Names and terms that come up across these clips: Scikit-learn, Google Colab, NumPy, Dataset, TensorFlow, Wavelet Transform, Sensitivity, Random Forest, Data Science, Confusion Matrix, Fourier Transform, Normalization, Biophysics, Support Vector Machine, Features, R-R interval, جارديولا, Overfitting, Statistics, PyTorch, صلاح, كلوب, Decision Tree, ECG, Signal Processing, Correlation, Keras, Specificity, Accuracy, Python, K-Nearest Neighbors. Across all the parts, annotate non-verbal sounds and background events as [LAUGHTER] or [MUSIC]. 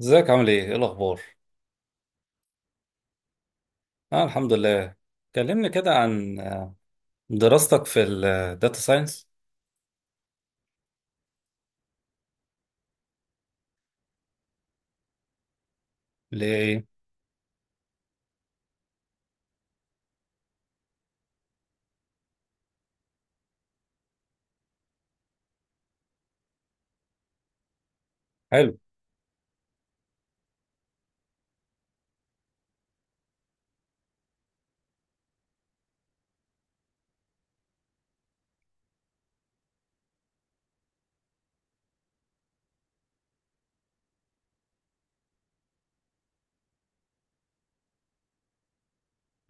ازيك؟ عامل ايه؟ ايه الأخبار؟ آه، الحمد لله. كلمني كده عن دراستك في الداتا ساينس. اللي هي ايه؟ حلو.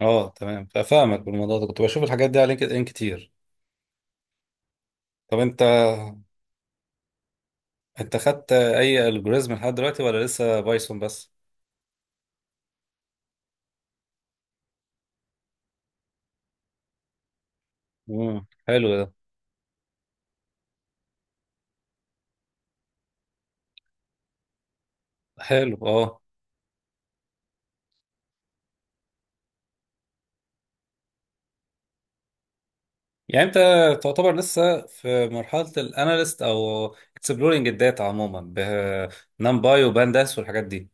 اه تمام، فاهمك. بالموضوع ده كنت بشوف الحاجات دي على لينكد ان كتير. طب انت خدت اي الجوريزم لحد دلوقتي ولا لسه بايثون بس؟ حلو ده. حلو، اه. يعني انت تعتبر لسه في مرحلة الاناليست او اكسبلورنج الداتا عموما، بنمباي وبانداس والحاجات دي؟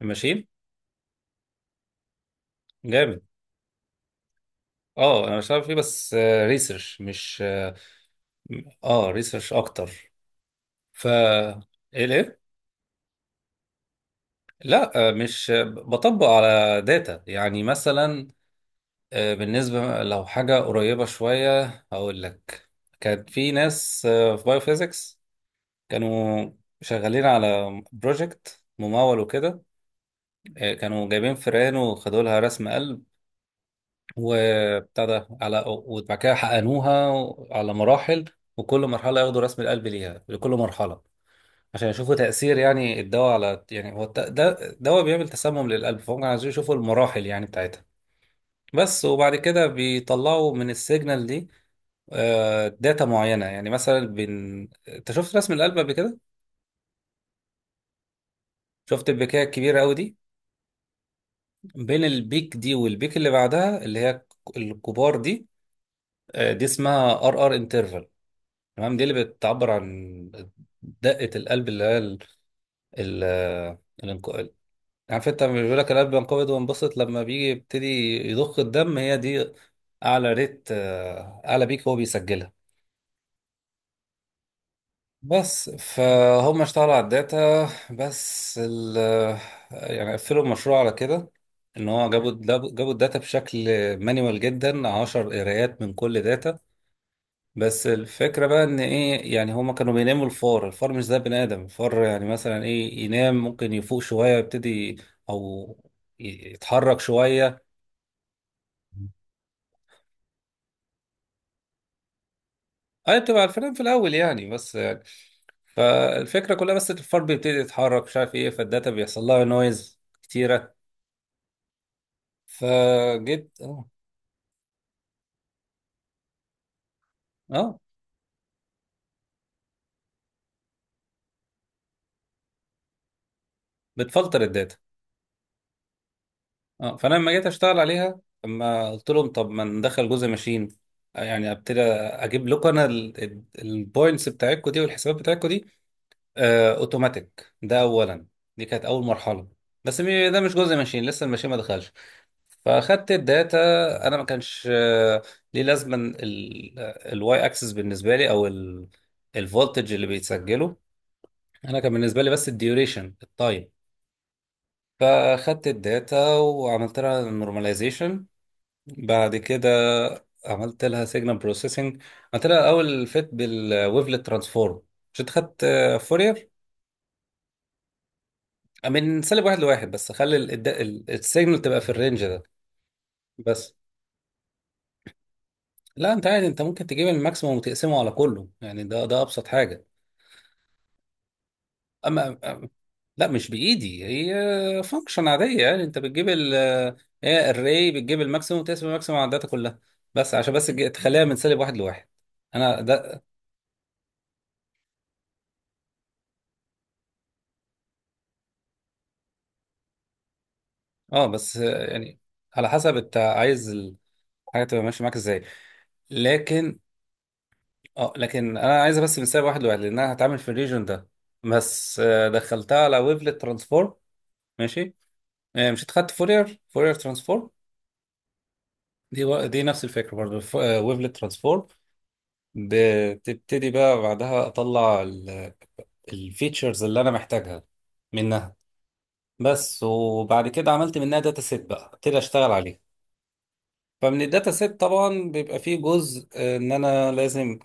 ماشي؟ جامد. اه انا بشتغل فيه، بس ريسيرش، مش. اه، ريسيرش اكتر. ف ايه ليه؟ لا مش بطبق على داتا يعني مثلا. بالنسبه لو حاجه قريبه شويه هقول لك. كان في ناس في بايوفيزيكس كانوا شغالين على بروجكت ممول وكده. كانوا جايبين فئران وخدوا لها رسم قلب وبتاع ده، على وبعد كده حقنوها على مراحل، وكل مرحله ياخدوا رسم القلب ليها، لكل مرحله، عشان يشوفوا تأثير يعني الدواء على، يعني هو ده دواء بيعمل تسمم للقلب، فهم كانوا عايزين يشوفوا المراحل يعني بتاعتها. بس وبعد كده بيطلعوا من السيجنال دي داتا معينة، يعني مثلا بين، انت شفت رسم القلب قبل كده؟ شفت البكاية الكبيرة قوي دي، بين البيك دي والبيك اللي بعدها اللي هي الكبار دي، دي اسمها ار ار انترفال. تمام، دي اللي بتعبر عن دقة القلب اللي هي ال- يعني عارف انت لما بيقول لك القلب بينقبض وينبسط، لما بيجي يبتدي يضخ الدم، هي دي اعلى ريت، اعلى بيك هو بيسجلها. بس فهم اشتغلوا على الداتا، بس ال يعني قفلوا المشروع على كده، ان هو جابوا الداتا بشكل مانيوال جدا، 10 قرايات من كل داتا. بس الفكرة بقى ان ايه، يعني هما كانوا بيناموا الفار. الفار مش زي بني ادم، الفار يعني مثلا ايه، ينام، ممكن يفوق شوية، يبتدي او ي- يتحرك شوية. اي، بتبقى الفريم في الاول يعني، بس يعني فالفكره كلها، بس الفار بيبتدي يتحرك مش عارف ايه، فالداتا بيحصل لها نويز كتيره. فجيت اه. آه، بتفلتر الداتا. اه فانا لما جيت اشتغل عليها، لما قلت لهم طب ما ندخل جزء ماشين، يعني ابتدي اجيب لكم انا البوينتس بتاعتكم دي والحسابات بتاعتكم دي اوتوماتيك، ده اولا، دي كانت اول مرحله. بس ده مش جزء ماشين، لسه الماشين ما دخلش. فاخدت الداتا. انا ما كانش ليه لازمه الواي اكسس بالنسبه لي، او الفولتج اللي بيتسجله، انا كان بالنسبه لي بس الديوريشن، التايم. فاخدت الداتا وعملت لها نورماليزيشن، بعد كده عملت لها سيجنال بروسيسنج، عملت لها اول فيت بالويفلت ترانسفورم. مش انت خدت فورير؟ من سالب واحد لواحد، بس خلي السيجنال تبقى في الرينج ده. بس لا، انت عادي انت ممكن تجيب الماكسيموم وتقسمه على كله، يعني ده ابسط حاجه. اما أما- لا مش بايدي، هي فانكشن عاديه، يعني انت بتجيب هي الري، بتجيب الماكسيموم وتقسم الماكسيموم على الداتا كلها، بس عشان بس تخليها من سالب واحد لواحد. انا ده. اه بس يعني على حسب انت عايز الحاجه تبقى ماشيه معاك ازاي. لكن اه لكن انا عايزه بس من سالب واحد لواحد، لان انا هتعامل في الريجن ده بس. دخلتها على ويفلت ترانسفورم. ماشي مش اتخدت فورير ترانسفورم دي، دي نفس الفكره برضه، ويفلت ترانسفورم. بتبتدي بقى بعدها اطلع الفيتشرز اللي انا محتاجها منها بس. وبعد كده عملت منها داتا سيت، بقى ابتدي اشتغل عليها. فمن الداتا سيت طبعا بيبقى فيه جزء، ان انا لازم،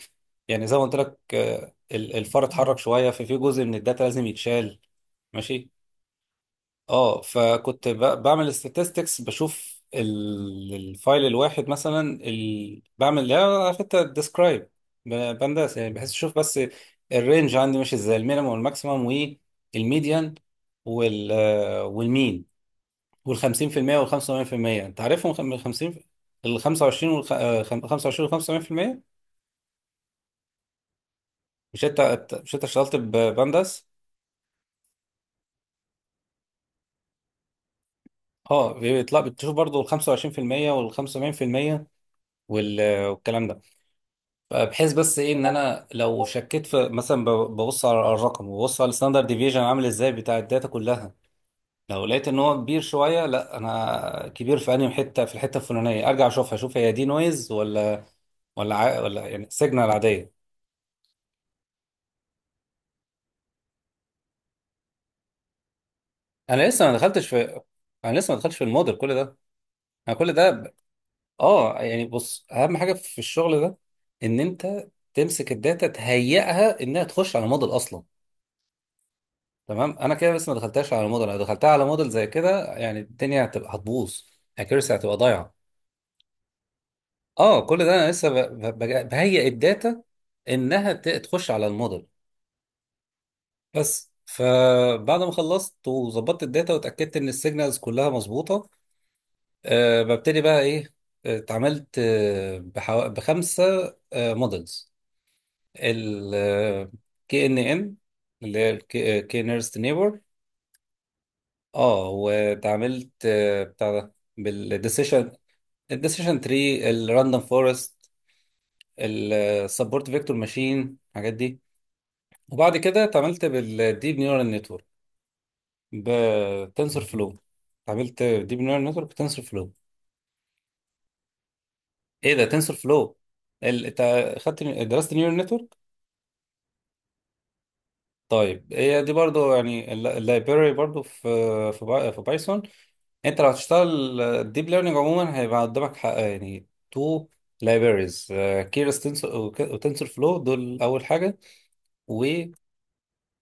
يعني زي ما قلت لك، الفار اتحرك شويه، ففي جزء من الداتا لازم يتشال. ماشي. اه فكنت بعمل statistics، بشوف الفايل الواحد مثلا، بعمل، لا حتى، ديسكرايب بنداس، يعني بحيث اشوف بس الرينج عندي ماشي ازاي، المينيمم والماكسيمم والميديان وال والمين وال 50% وال 85%، انت عارفهم، من 50، ال 25 وال 85%. مش انت مش انت اشتغلت ببنداس؟ اه بيطلع، بتشوف برضو ال 25% وال 75% والكلام ده، بحيث بس ايه ان انا لو شكيت في مثلا، ببص على الرقم وببص على الستاندرد ديفيجن عامل ازاي بتاع الداتا كلها. لو لقيت ان هو كبير شويه، لا انا كبير في انهي حته، في الحته الفلانيه ارجع اشوفها، اشوف هي دي نويز ولا، ولا يعني سيجنال عاديه. انا لسه ما دخلتش في انا لسه ما دخلتش في الموديل، كل ده انا كل ده ب... اه يعني بص، اهم حاجه في الشغل ده ان انت تمسك الداتا، تهيئها انها تخش على موديل اصلا. تمام، انا كده بس، ما دخلتهاش على موديل. لو دخلتها على موديل زي كده يعني الدنيا هتبقى هتبوظ، اكيرسي هتبقى ضايعه. اه كل ده انا لسه بهيئ الداتا انها تخش على الموديل بس. فبعد ما خلصت وظبطت الداتا واتاكدت ان السيجنالز كلها مظبوطه، ببتدي بقى ايه، اتعاملت بخمسه موديلز. ال كي ان ان، اللي هي كي نيرست. اه واتعاملت بتاع ده بالديسيشن، الديسيشن تري، الراندوم فورست، السبورت فيكتور ماشين، الحاجات دي. وبعد كده اتعاملت بالديب نيورال نتورك بتنسر فلو. اتعاملت ديب نيورال نتورك بتنسر فلو. ايه ده، تنسر فلو، انت خدت درست نيورال نتورك؟ طيب هي دي برضو، يعني اللايبراري برضو في في في بايثون. انت لو هتشتغل الديب ليرنينج عموما هيبقى قدامك حق يعني تو لايبريز، كيرس تنسور وتنسور فلو، دول اول حاجه، و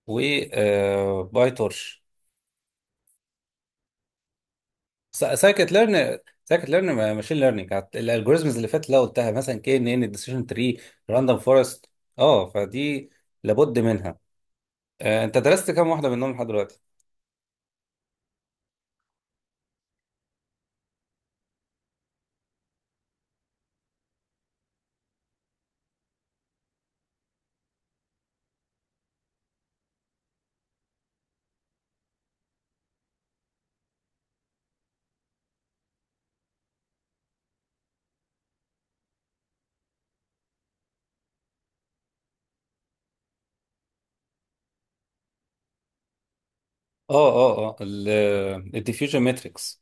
و باي تورش. سايكت ليرن سايكت ليرن ماشين ليرنينج الالجوريزمز اللي فاتت اللي قلتها مثلا، كي ان ان، ديسيشن تري، راندوم فورست. اه فدي لابد منها. انت درست كام واحده منهم لحد دلوقتي؟ اه اه اه. الديفيوجن ماتريكس.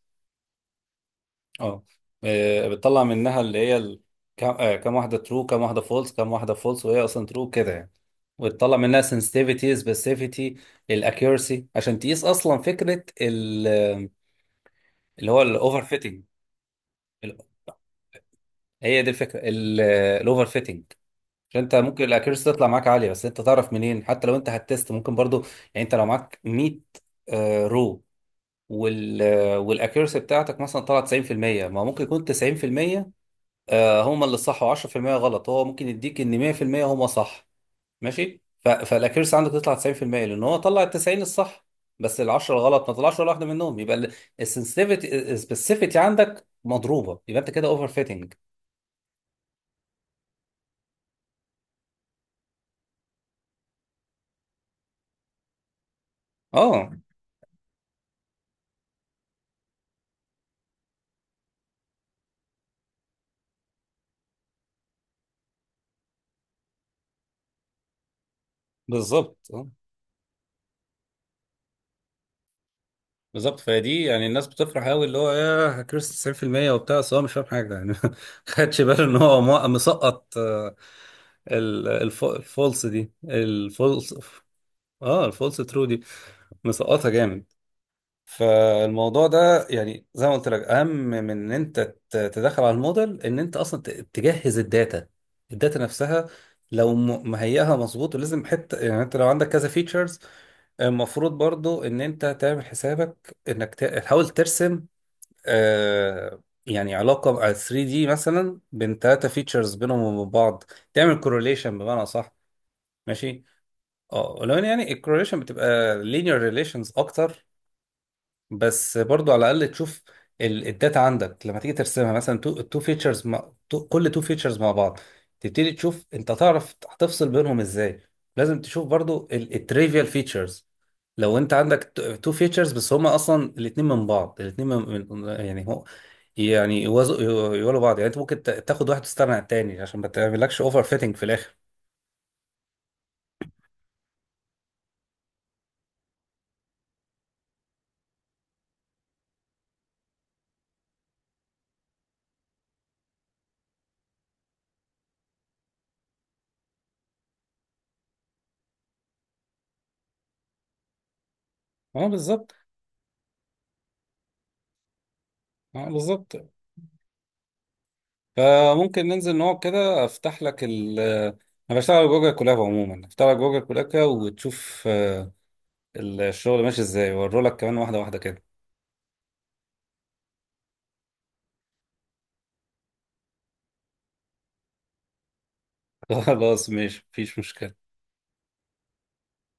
اه بتطلع منها اللي هي كام، كام واحده ترو، كام واحده فولس وهي اصلا ترو، كده يعني، وتطلع منها sensitivity specificity الاكيورسي عشان تقيس اصلا فكره اللي هو الاوفر فيتنج. هي دي الفكره، الاوفر فيتنج، عشان انت ممكن الاكيورسي تطلع معاك عاليه بس انت تعرف منين. حتى لو انت هتست ممكن برضو، يعني انت لو معاك 100 رو وال والاكيورسي بتاعتك مثلا طلعت 90%، ما ممكن يكون 90% هما اللي صح و10% غلط، هو ممكن يديك ان 100% هما صح. ماشي، فالاكيرسي عندك تطلع 90% لان هو طلع ال 90 الصح، بس ال 10 الغلط ما طلعش ولا واحده منهم. يبقى السنسيفيتي السبيسيفيتي عندك مضروبه، يبقى انت كده اوفر فيتنج. اه بالظبط، اه بالظبط. فدي يعني، الناس بتفرح قوي، اللي هو يا كريس 90% وبتاع، بس هو مش فاهم حاجه يعني. [LAUGHS] ما خدش باله ان هو مسقط الفولس، دي. اه الفولس ترو دي مسقطها جامد. فالموضوع ده يعني زي ما قلت لك، اهم من ان انت تدخل على الموديل، ان انت اصلا تجهز الداتا. الداتا نفسها لو مهيئها مظبوط. ولازم حته، يعني انت لو عندك كذا فيتشرز، المفروض برضو ان انت تعمل حسابك انك تحاول ترسم يعني علاقه على 3 دي مثلا، بين 3 فيتشرز بينهم وبين بعض، تعمل كورليشن بمعنى صح. ماشي. اه ولو ان يعني الكورليشن بتبقى لينير ريليشنز اكتر، بس برضو على الاقل تشوف الداتا عندك لما تيجي ترسمها مثلا تو فيتشرز، مع تو، كل تو فيتشرز مع بعض، تبتدي تشوف انت تعرف هتفصل بينهم ازاي. لازم تشوف برضو التريفيال فيتشرز. لو انت عندك تو فيتشرز بس هما اصلا الاتنين من بعض، الاتنين من يعني هو يعني يوازوا، يوالوا بعض، يعني انت ممكن تاخد واحد وتستغنى عن التاني عشان ما تعملكش اوفر فيتنج في الاخر. اه بالظبط، اه بالظبط. فممكن ننزل نقعد كده، افتح لك انا بشتغل جوجل كولاب عموما، افتح لك جوجل كولاب كده وتشوف الشغل ماشي ازاي، واوري لك كمان واحده واحده كده. [LAUGHS] خلاص ماشي، مفيش مشكله.